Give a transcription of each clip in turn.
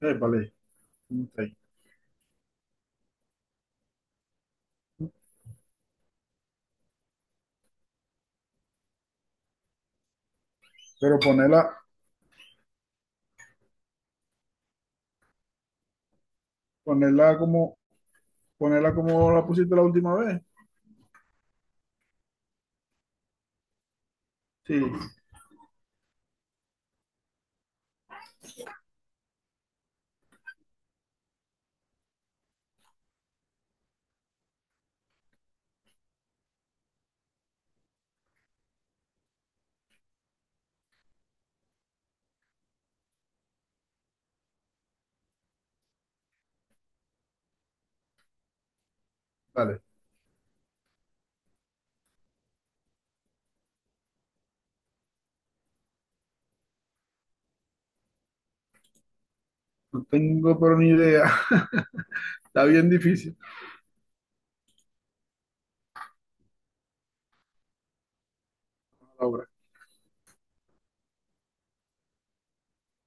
Vale, ¿cómo está ahí? Pero ponerla como, ponerla como la pusiste la última vez. Sí, vale. No tengo pero ni idea. Está bien difícil ahora.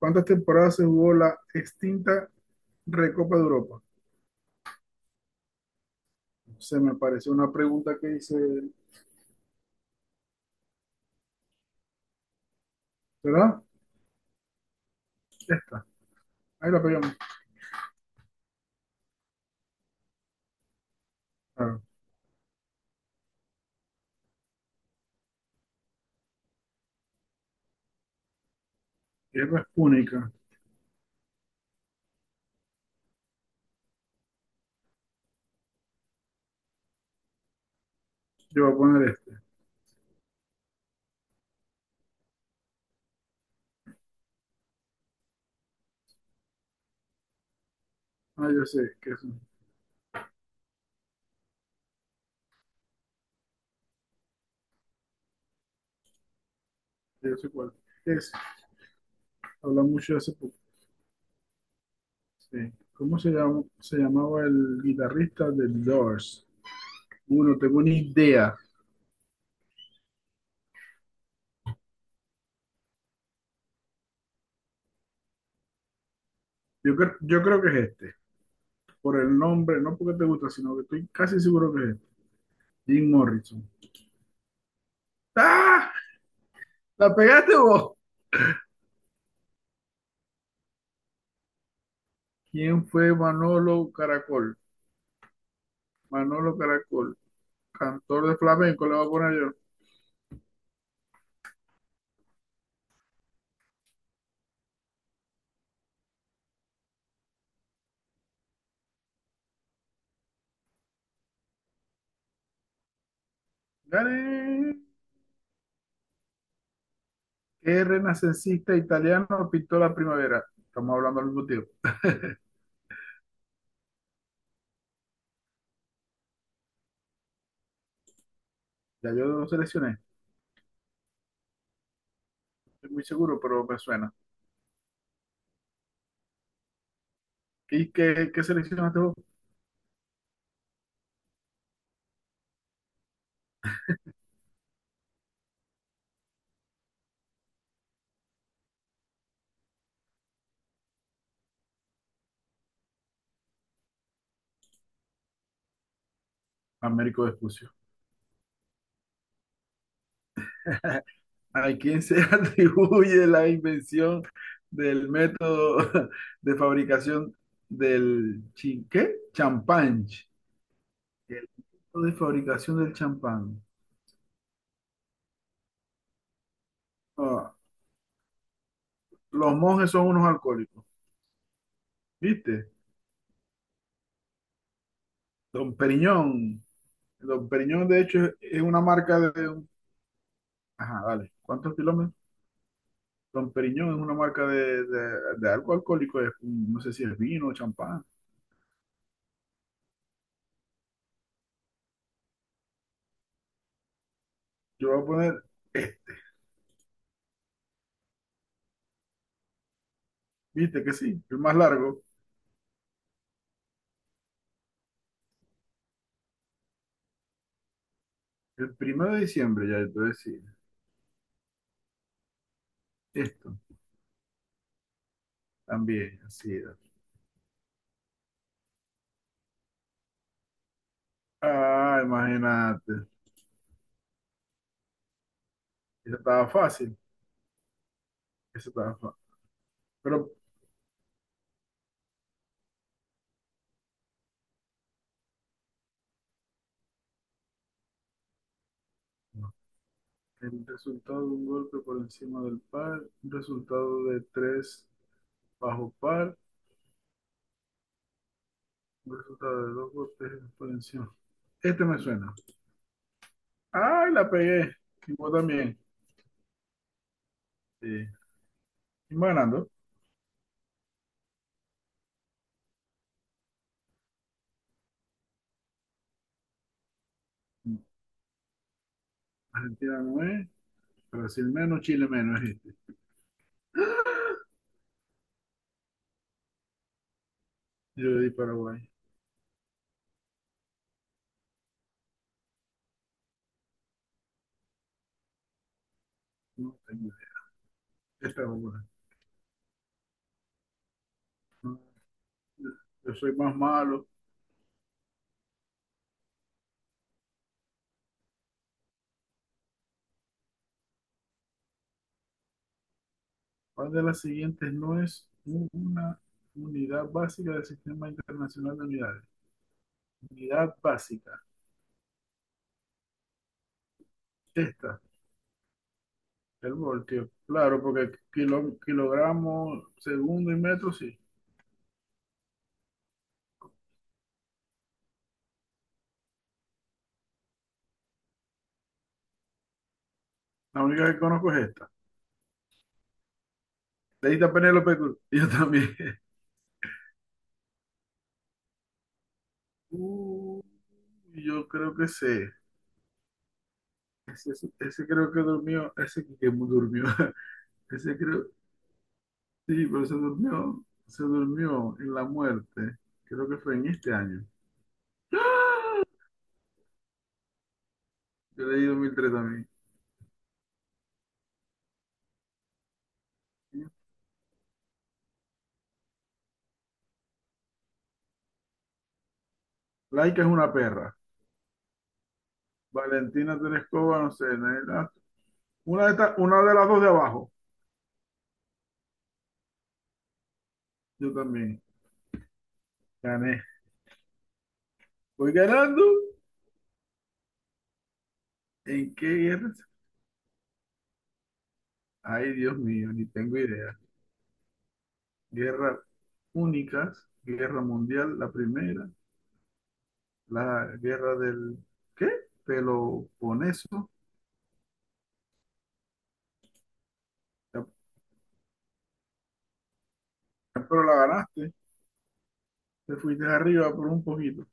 ¿Cuántas temporadas se jugó la extinta Recopa de Europa? Se me parece una pregunta que hice, ¿verdad? Esta. Ahí la pegamos. Claro. Guerra es Púnica. Yo voy a poner este. Ah, yo sé que es. Yo sé cuál. Es. Habla mucho de hace poco. Sí. ¿Cómo se llama, se llamaba el guitarrista de Doors? No tengo ni idea. Yo creo que es este. Por el nombre, no porque te gusta, sino que estoy casi seguro que es este. Jim Morrison. ¡Ah! ¿La pegaste vos? ¿Quién fue Manolo Caracol? Manolo Caracol, cantor de flamenco, le voy a poner yo. ¡Gané! ¿Qué renacentista italiano pintó la primavera? Estamos hablando al mismo tiempo. Ya yo lo seleccioné, estoy muy seguro, pero me suena. ¿Qué seleccionaste vos? Américo Vespucio. ¿A quién se atribuye la invención del método de fabricación del ¿qué? ¿champán? El método de fabricación del champán. Ah, los monjes son unos alcohólicos, ¿viste? Don Periñón. Don Periñón, de hecho, es una marca. Ajá, vale. ¿Cuántos kilómetros? Don Periñón es una marca de algo alcohólico. No sé si es vino o champán. Yo voy a poner, eh, ¿viste que sí? El más largo. El 1 de diciembre, ya yo te decía. Esto también, así era. Ah, imagínate. Eso estaba fácil. Eso estaba fácil. Pero no. El resultado de un golpe por encima del par, un resultado de tres bajo par, un resultado de dos golpes por encima. Este me suena. ¡Ay, la pegué! Y vos también. Sí. Y va ganando. Argentina no es. Brasil menos, Chile menos. Es este. Yo le di Paraguay. No tengo idea. Esta es buena. No, yo soy más malo. ¿Cuál de las siguientes no es una unidad básica del Sistema Internacional de Unidades? Unidad básica. Esta, el voltio. Claro, porque kilo, kilogramo, segundo y metro, sí. La única que conozco es esta. Le diste a Penélope Cruz. Yo también. Uh, yo creo que sé. Ese, ese creo que durmió. Ese que durmió. Ese creo. Sí, pero se durmió. Se durmió en la muerte. Creo que fue en este año. ¡Ah! Yo leí 2003 también. Laika es una perra. Valentina Terescova, no sé. Una de una de las dos de abajo. Yo también. Gané. Voy ganando. ¿En qué guerra? Ay, Dios mío, ni tengo idea. Guerras únicas, guerra mundial, la primera, la guerra del, ¿qué? Peloponeso. Ya- Pero la ganaste. Te fuiste arriba por un poquito.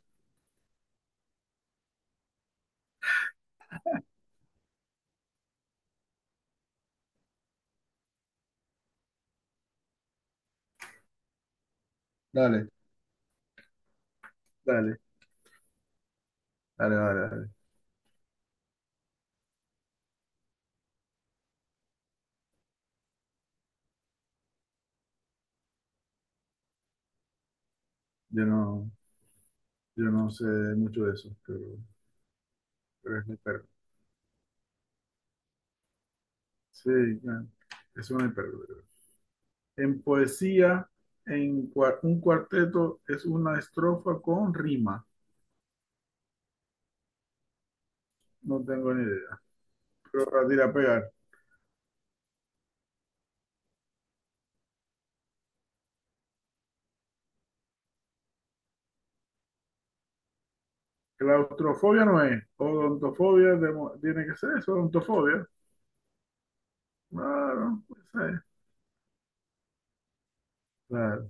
Dale, dale, dale, dale, dale. Yo no, yo no sé mucho de eso, pero es mi perro. Sí, bueno, es una imperdible. En poesía, un cuarteto es una estrofa con rima. No tengo ni idea. Pero la tira a pegar. Claustrofobia no es. Odontofobia demo- tiene que ser eso. Odontofobia. Claro, pues Claro.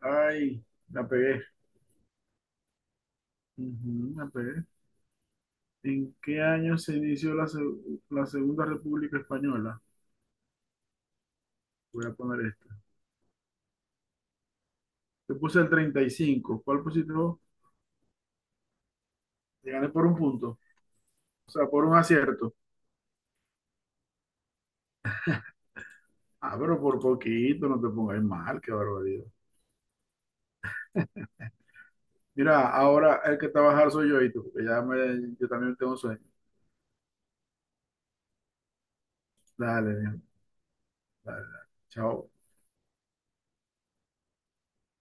Ay, la pegué. Ujú, la pegué. ¿En qué año se inició la Segunda República Española? Voy a poner esta. Te puse el 35. ¿Cuál pusiste vos? Te gané por un punto. O sea, por un acierto. Ah, pero por poquito, no te pongas mal, qué barbaridad. Mira, ahora el que trabajar soy yo y tú, porque yo también tengo sueño. Dale, mijo, dale, dale. Chao.